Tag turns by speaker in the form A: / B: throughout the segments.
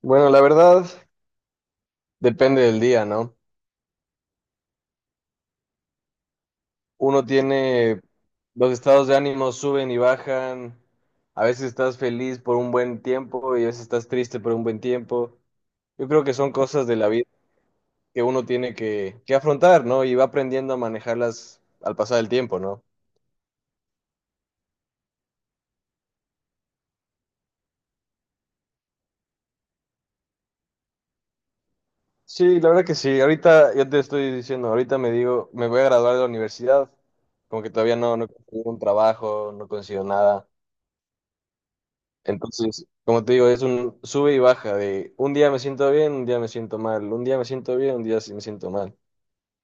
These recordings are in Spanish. A: Bueno, la verdad depende del día, ¿no? Uno tiene, los estados de ánimo suben y bajan, a veces estás feliz por un buen tiempo y a veces estás triste por un buen tiempo. Yo creo que son cosas de la vida que uno tiene que afrontar, ¿no? Y va aprendiendo a manejarlas al pasar el tiempo, ¿no? Sí, la verdad que sí. Ahorita, yo te estoy diciendo, ahorita me digo, me voy a graduar de la universidad, como que todavía no consigo un trabajo, no consigo nada. Entonces, como te digo, es un sube y baja de un día me siento bien, un día me siento mal, un día me siento bien, un día sí me siento mal.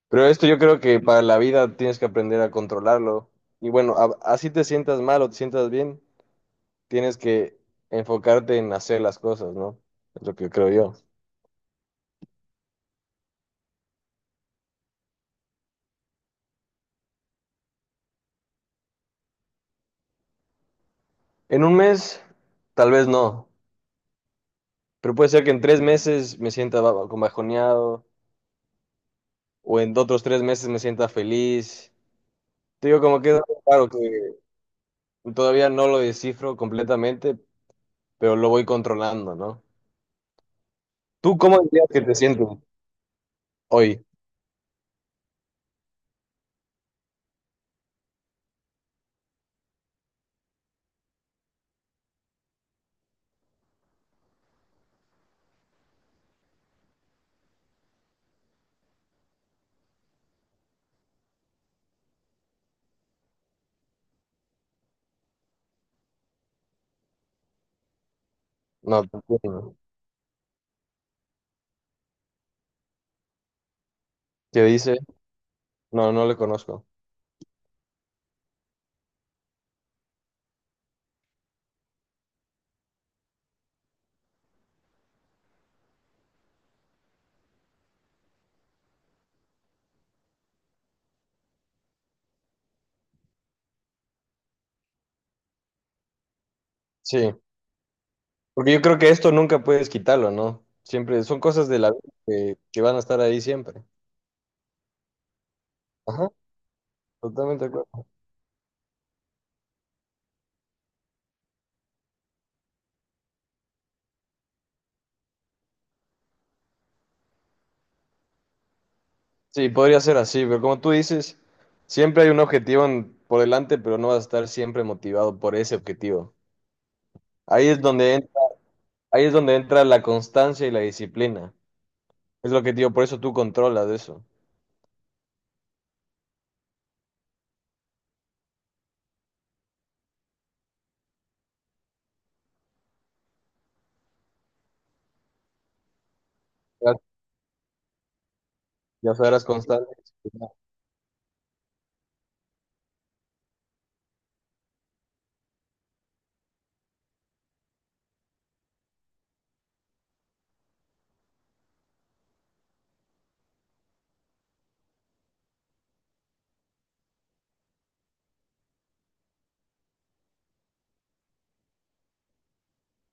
A: Pero esto yo creo que para la vida tienes que aprender a controlarlo. Y bueno, así te sientas mal o te sientas bien, tienes que enfocarte en hacer las cosas, ¿no? Es lo que creo yo. En un mes, tal vez no, pero puede ser que en tres meses me sienta como bajoneado o en otros tres meses me sienta feliz. Te digo, como que es algo raro que todavía no lo descifro completamente, pero lo voy controlando, ¿no? ¿Tú cómo dirías que te sientes hoy? No, te entiendo. ¿Qué dice? No, no le conozco. Sí, porque yo creo que esto nunca puedes quitarlo, ¿no? Siempre son cosas de la vida que van a estar ahí siempre. Ajá, totalmente de acuerdo. Sí, podría ser así, pero como tú dices, siempre hay un objetivo por delante, pero no vas a estar siempre motivado por ese objetivo. Ahí es donde entra, ahí es donde entra la constancia y la disciplina. Es lo que te digo, por eso tú controlas eso. Ya, ya sabrás constante.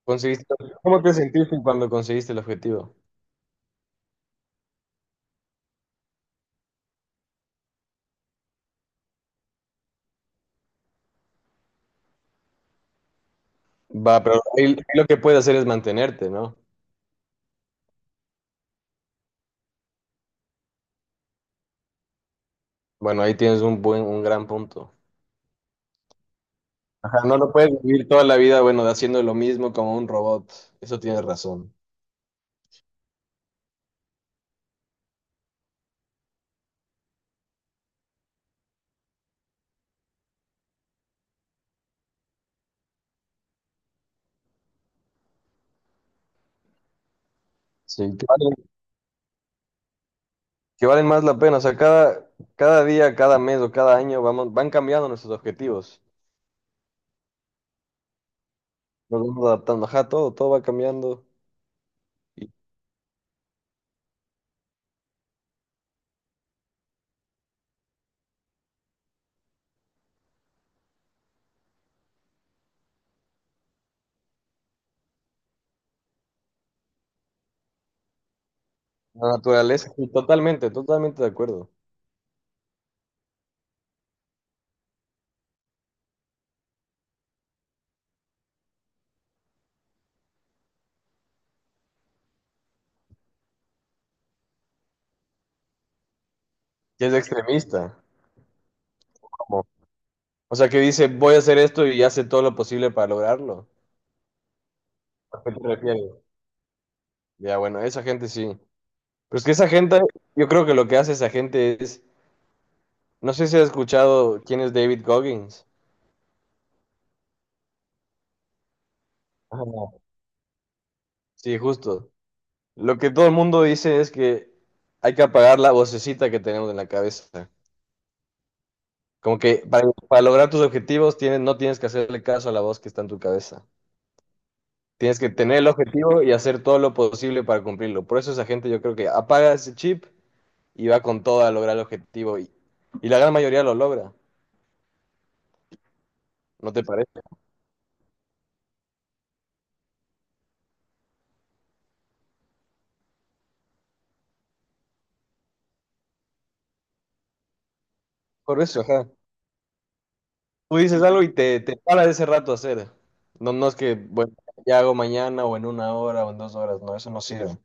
A: Conseguiste, ¿cómo te sentiste cuando conseguiste el objetivo? Va, pero ahí lo que puedes hacer es mantenerte, ¿no? Bueno, ahí tienes un buen, un gran punto. Ajá, no lo puedes vivir toda la vida, bueno, haciendo lo mismo como un robot. Eso tienes razón. Sí, que valen más la pena. O sea, cada, cada día, cada mes o cada año vamos, van cambiando nuestros objetivos. Nos vamos adaptando. Ajá, todo, todo va cambiando. Y la naturaleza, sí, totalmente, totalmente de acuerdo. Y es extremista. Como o sea, que dice, voy a hacer esto y hace todo lo posible para lograrlo. ¿A qué te refieres? Ya, bueno, esa gente sí. Pero es que esa gente, yo creo que lo que hace esa gente es, no sé si has escuchado quién es David Goggins. Ajá. Sí, justo. Lo que todo el mundo dice es que hay que apagar la vocecita que tenemos en la cabeza. Como que para lograr tus objetivos tienes, no tienes que hacerle caso a la voz que está en tu cabeza. Tienes que tener el objetivo y hacer todo lo posible para cumplirlo. Por eso esa gente yo creo que apaga ese chip y va con todo a lograr el objetivo y la gran mayoría lo logra, ¿no te parece? Por eso, ajá. Tú dices algo y te para ese rato a hacer. No, no es que, bueno, ya hago mañana o en una hora o en dos horas, no, eso no sirve.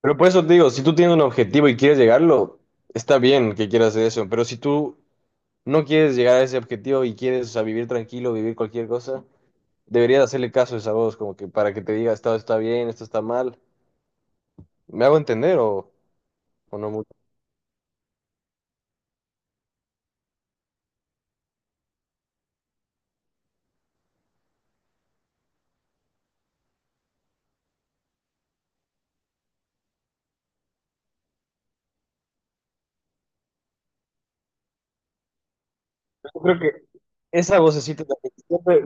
A: Pero por eso te digo, si tú tienes un objetivo y quieres llegarlo, está bien que quieras hacer eso, pero si tú no quieres llegar a ese objetivo y quieres, o sea, vivir tranquilo, vivir cualquier cosa, deberías hacerle caso a esa voz, como que para que te diga, esto está bien, esto está mal. ¿Me hago entender o no mucho? Yo creo que esa vocecita de que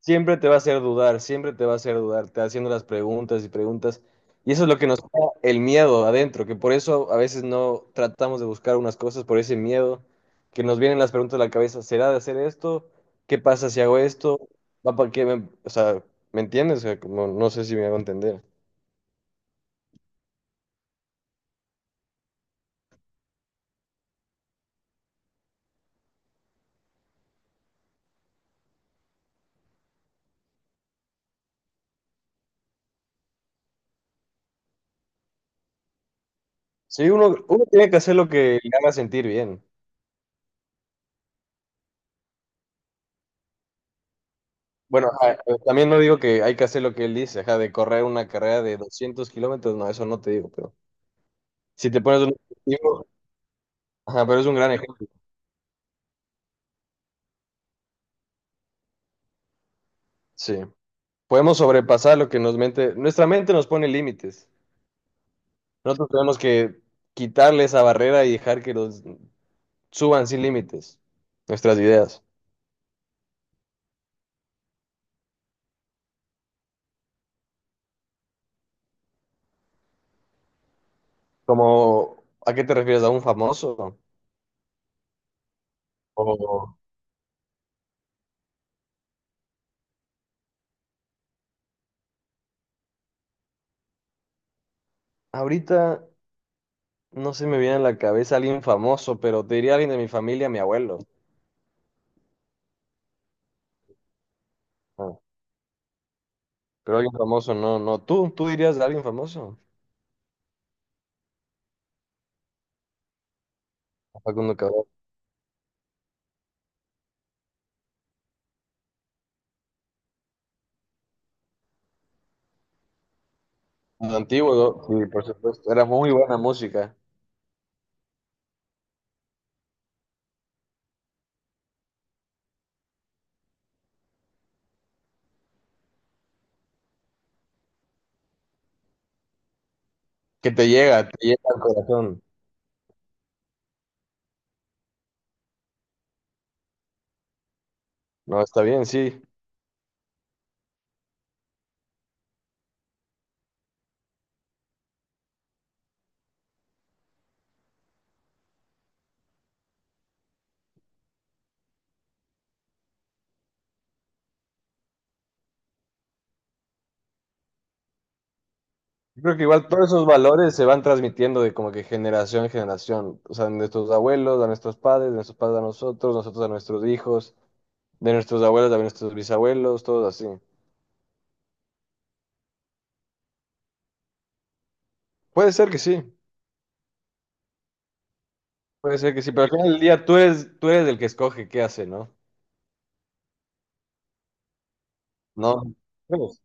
A: siempre te va a hacer dudar, siempre te va a hacer dudar, te va haciendo las preguntas y preguntas. Y eso es lo que nos da el miedo adentro, que por eso a veces no tratamos de buscar unas cosas, por ese miedo, que nos vienen las preguntas a la cabeza, ¿será de hacer esto? ¿Qué pasa si hago esto? ¿Va para qué me- O sea, ¿me entiendes? O sea, como, no sé si me hago entender. Sí, uno tiene que hacer lo que le haga sentir bien. Bueno, ajá, también no digo que hay que hacer lo que él dice, ajá, de correr una carrera de 200 kilómetros, no, eso no te digo, pero... Si te pones un objetivo, ajá, pero es un gran ejemplo. Sí. Podemos sobrepasar lo que nos mente, nuestra mente nos pone límites. Nosotros tenemos que quitarle esa barrera y dejar que los suban sin límites nuestras ideas. Como, ¿a qué te refieres? ¿A un famoso? O ahorita no se me viene a la cabeza alguien famoso, pero te diría alguien de mi familia, mi abuelo. Ah, pero alguien famoso, no, no. ¿Tú, tú dirías de alguien famoso? Facundo Cabral. Antiguo, ¿no? Sí, por supuesto. Era muy buena música. Que te llega al corazón. No, está bien, sí. Yo creo que igual todos esos valores se van transmitiendo de como que generación en generación. O sea, de nuestros abuelos a nuestros padres, de nuestros padres a nosotros, nosotros a nuestros hijos, de nuestros abuelos a nuestros bisabuelos, todos así. Puede ser que sí, puede ser que sí, pero al final del día tú eres el que escoge qué hace, ¿no? No, pues,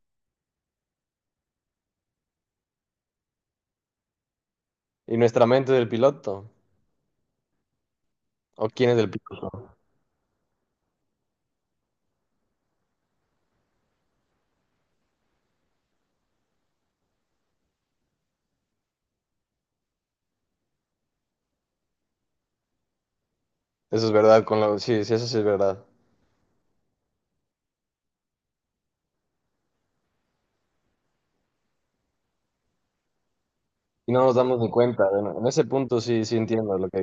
A: y nuestra mente es el piloto. ¿O quién es el piloto? Eso es verdad, con lo... sí, sí, eso sí es verdad. Y no nos damos ni cuenta. Bueno, en ese punto sí, sí entiendo lo que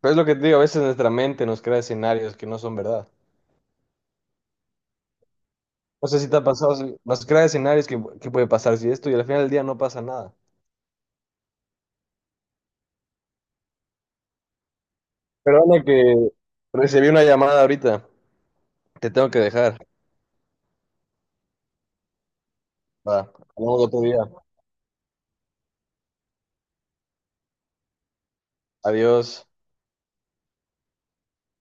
A: Pero es lo que te digo, a veces nuestra mente nos crea escenarios que no son verdad. No sé si te ha pasado, si- nos crea escenarios que puede pasar si esto y al final del día no pasa nada. Perdona que recibí una llamada ahorita, te tengo que dejar. Va, hablamos otro día. Adiós.